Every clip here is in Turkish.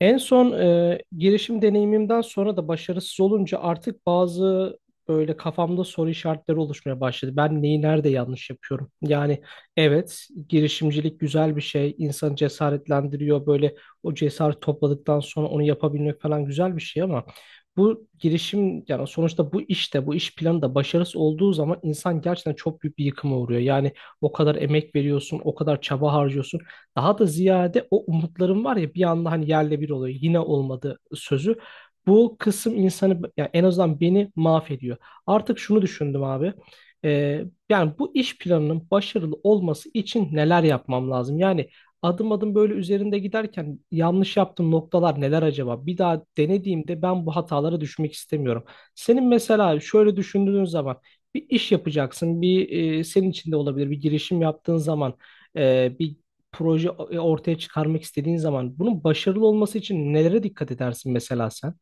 En son girişim deneyimimden sonra da başarısız olunca artık bazı böyle kafamda soru işaretleri oluşmaya başladı. Ben neyi nerede yanlış yapıyorum? Yani evet girişimcilik güzel bir şey. İnsanı cesaretlendiriyor. Böyle o cesaret topladıktan sonra onu yapabilmek falan güzel bir şey ama bu girişim yani sonuçta bu işte bu iş planı da başarısız olduğu zaman insan gerçekten çok büyük bir yıkıma uğruyor. Yani o kadar emek veriyorsun, o kadar çaba harcıyorsun. Daha da ziyade o umutların var ya bir anda hani yerle bir oluyor. Yine olmadı sözü. Bu kısım insanı yani en azından beni mahvediyor. Artık şunu düşündüm abi. Yani bu iş planının başarılı olması için neler yapmam lazım? Yani adım adım böyle üzerinde giderken yanlış yaptığım noktalar neler acaba? Bir daha denediğimde ben bu hatalara düşmek istemiyorum. Senin mesela şöyle düşündüğün zaman bir iş yapacaksın, bir senin içinde olabilir bir girişim yaptığın zaman bir proje ortaya çıkarmak istediğin zaman bunun başarılı olması için nelere dikkat edersin mesela sen?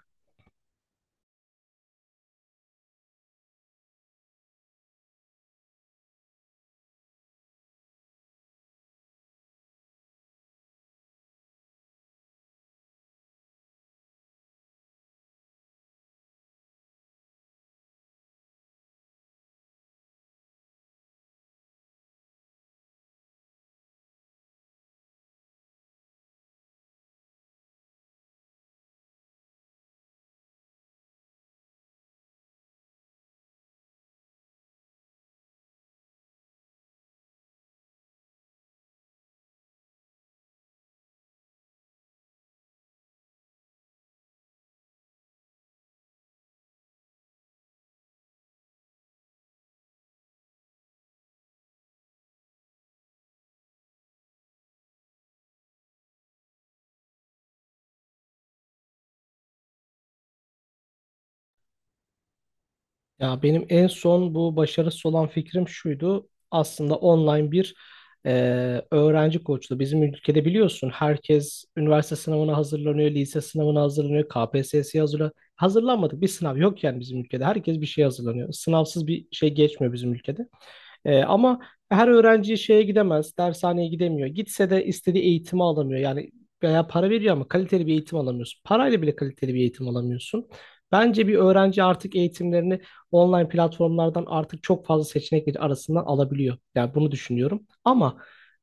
Ya benim en son bu başarısız olan fikrim şuydu. Aslında online bir e, öğrenci koçluğu. Bizim ülkede biliyorsun herkes üniversite sınavına hazırlanıyor, lise sınavına hazırlanıyor, KPSS'ye hazırlanıyor. Hazırlanmadık bir sınav yok yani bizim ülkede. Herkes bir şey hazırlanıyor. Sınavsız bir şey geçmiyor bizim ülkede. Ama her öğrenci şeye gidemez, dershaneye gidemiyor. Gitse de istediği eğitimi alamıyor. Yani veya para veriyor ama kaliteli bir eğitim alamıyorsun. Parayla bile kaliteli bir eğitim alamıyorsun. Bence bir öğrenci artık eğitimlerini online platformlardan artık çok fazla seçenek arasından alabiliyor. Yani bunu düşünüyorum. Ama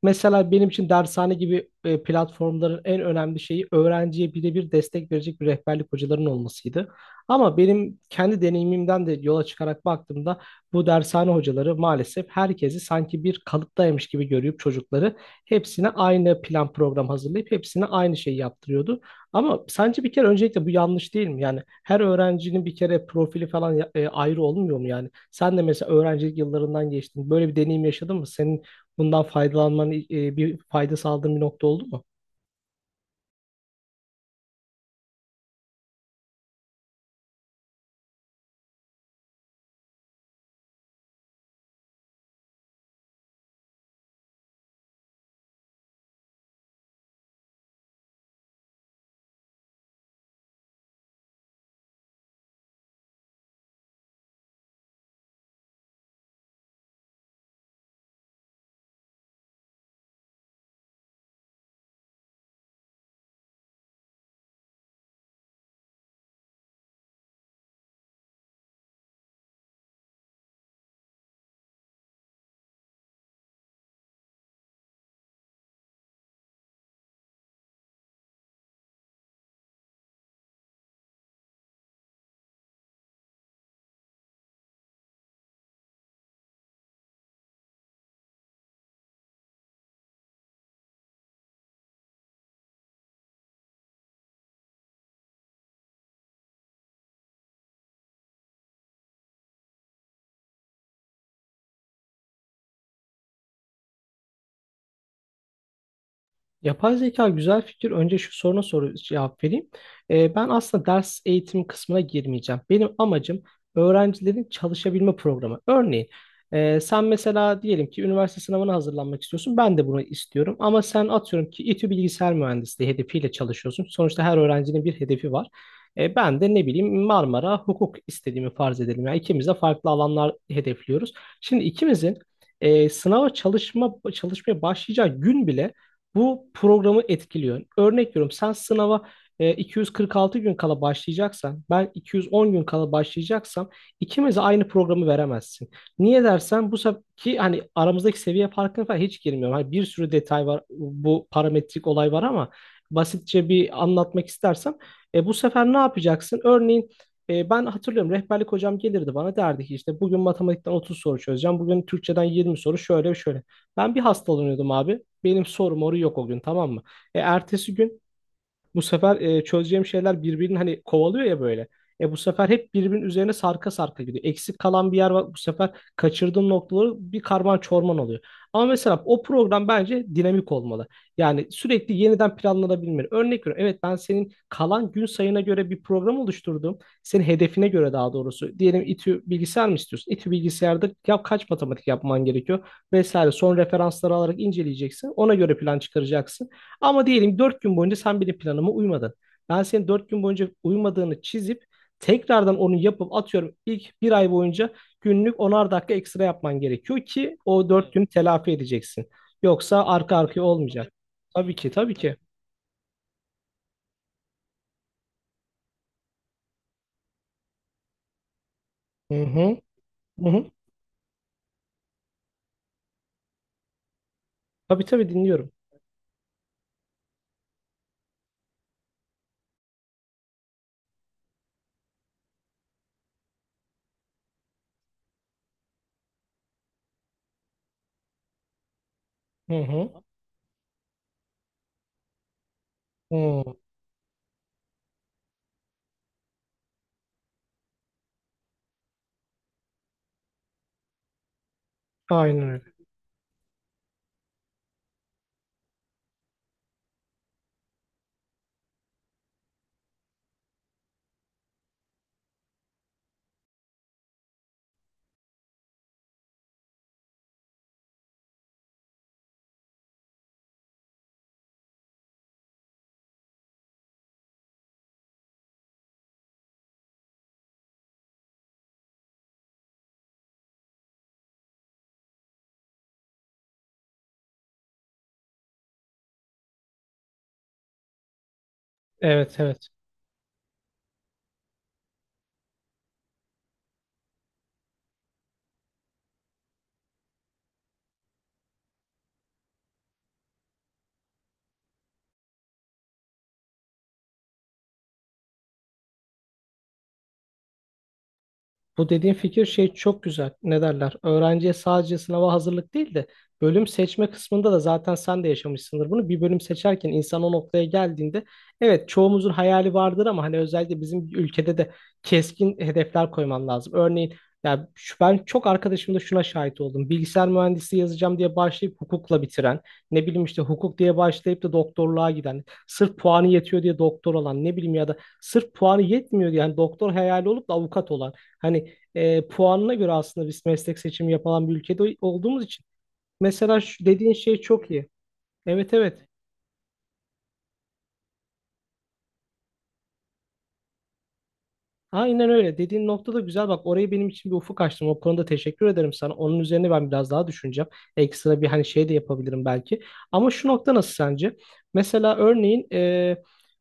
mesela benim için dershane gibi platformların en önemli şeyi öğrenciye birebir destek verecek bir rehberlik hocaların olmasıydı. Ama benim kendi deneyimimden de yola çıkarak baktığımda bu dershane hocaları maalesef herkesi sanki bir kalıptaymış gibi görüp çocukları hepsine aynı plan program hazırlayıp hepsine aynı şeyi yaptırıyordu. Ama sence bir kere öncelikle bu yanlış değil mi? Yani her öğrencinin bir kere profili falan ayrı olmuyor mu yani? Sen de mesela öğrencilik yıllarından geçtin. Böyle bir deneyim yaşadın mı? Senin bundan faydalanmanın bir fayda sağladığın bir nokta oldu mu? Yapay zeka güzel fikir. Önce şu soruna soru cevap vereyim. Ben aslında ders eğitim kısmına girmeyeceğim. Benim amacım öğrencilerin çalışabilme programı. Örneğin sen mesela diyelim ki üniversite sınavına hazırlanmak istiyorsun. Ben de bunu istiyorum. Ama sen atıyorum ki İTÜ Bilgisayar Mühendisliği hedefiyle çalışıyorsun. Sonuçta her öğrencinin bir hedefi var. Ben de ne bileyim Marmara hukuk istediğimi farz edelim. Yani ikimiz de farklı alanlar hedefliyoruz. Şimdi ikimizin sınava çalışmaya başlayacağı gün bile bu programı etkiliyor. Örnek veriyorum, sen sınava 246 gün kala başlayacaksan ben 210 gün kala başlayacaksam ikimize aynı programı veremezsin. Niye dersen bu sefer ki hani aramızdaki seviye farkına falan hiç girmiyorum. Hani bir sürü detay var, bu parametrik olay var ama basitçe bir anlatmak istersem bu sefer ne yapacaksın? Örneğin ben hatırlıyorum, rehberlik hocam gelirdi bana derdi ki işte bugün matematikten 30 soru çözeceğim. Bugün Türkçeden 20 soru şöyle şöyle. Ben bir hastalanıyordum abi. Benim sorum oru yok o gün, tamam mı? Ertesi gün bu sefer çözeceğim şeyler birbirini hani kovalıyor ya böyle. Bu sefer hep birbirinin üzerine sarka sarka gidiyor. Eksik kalan bir yer var. Bu sefer kaçırdığım noktaları bir karman çorman oluyor. Ama mesela o program bence dinamik olmalı. Yani sürekli yeniden planlanabilmeli. Örnek veriyorum. Evet, ben senin kalan gün sayına göre bir program oluşturdum. Senin hedefine göre daha doğrusu. Diyelim İTÜ bilgisayar mı istiyorsun? İTÜ bilgisayarda ya kaç matematik yapman gerekiyor? Vesaire. Son referansları alarak inceleyeceksin. Ona göre plan çıkaracaksın. Ama diyelim 4 gün boyunca sen benim planıma uymadın. Ben senin 4 gün boyunca uymadığını çizip tekrardan onu yapıp atıyorum ilk bir ay boyunca günlük 10'ar dakika ekstra yapman gerekiyor ki o dört, Evet, günü telafi edeceksin. Yoksa arka arkaya olmayacak. Tabii ki tabii, Tabii, ki. Hı hı. Hı hı. Tabii tabii, dinliyorum. Hı hı. Hı. Aynen öyle. Evet evet. Bu dediğin fikir şey çok güzel. Ne derler? Öğrenciye sadece sınava hazırlık değil de bölüm seçme kısmında da zaten sen de yaşamışsındır bunu. Bir bölüm seçerken insan o noktaya geldiğinde evet, çoğumuzun hayali vardır ama hani özellikle bizim ülkede de keskin hedefler koyman lazım. Örneğin ya şu, ben çok arkadaşımda şuna şahit oldum. Bilgisayar mühendisliği yazacağım diye başlayıp hukukla bitiren, ne bileyim işte hukuk diye başlayıp da doktorluğa giden, sırf puanı yetiyor diye doktor olan, ne bileyim, ya da sırf puanı yetmiyor diye yani doktor hayali olup da avukat olan. Hani puanına göre aslında biz meslek seçimi yapılan bir ülkede olduğumuz için. Mesela şu dediğin şey çok iyi. Evet evet. Aynen öyle. Dediğin nokta da güzel. Bak orayı benim için bir ufuk açtın. O konuda teşekkür ederim sana. Onun üzerine ben biraz daha düşüneceğim. Ekstra bir hani şey de yapabilirim belki. Ama şu nokta nasıl sence? Mesela örneğin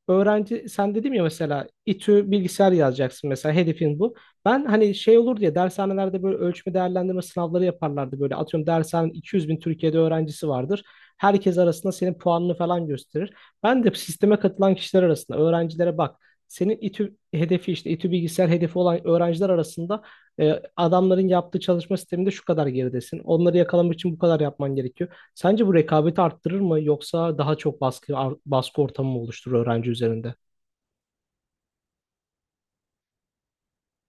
öğrenci, sen dedim ya mesela İTÜ bilgisayar yazacaksın, mesela hedefin bu. Ben hani şey olur diye dershanelerde böyle ölçme değerlendirme sınavları yaparlardı böyle. Atıyorum dershanenin 200 bin Türkiye'de öğrencisi vardır. Herkes arasında senin puanını falan gösterir. Ben de sisteme katılan kişiler arasında öğrencilere bak. Senin İTÜ hedefi, işte İTÜ bilgisayar hedefi olan öğrenciler arasında adamların yaptığı çalışma sisteminde şu kadar geridesin. Onları yakalamak için bu kadar yapman gerekiyor. Sence bu rekabeti arttırır mı yoksa daha çok baskı baskı ortamı mı oluşturur öğrenci üzerinde?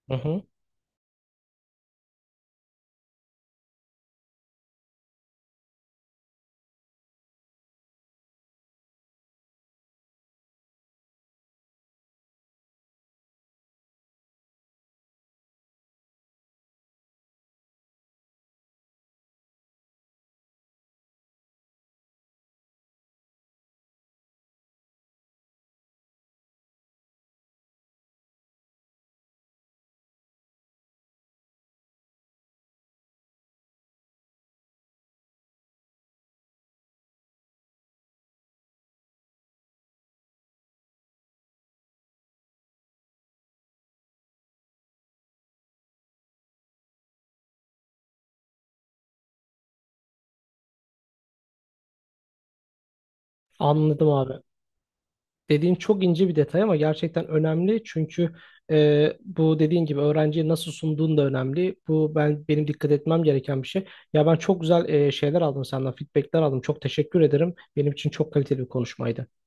Hı hı. Anladım abi. Dediğin çok ince bir detay ama gerçekten önemli çünkü bu dediğin gibi öğrenciye nasıl sunduğun da önemli. Bu ben benim dikkat etmem gereken bir şey. Ya ben çok güzel şeyler aldım senden, feedbackler aldım. Çok teşekkür ederim. Benim için çok kaliteli bir konuşmaydı.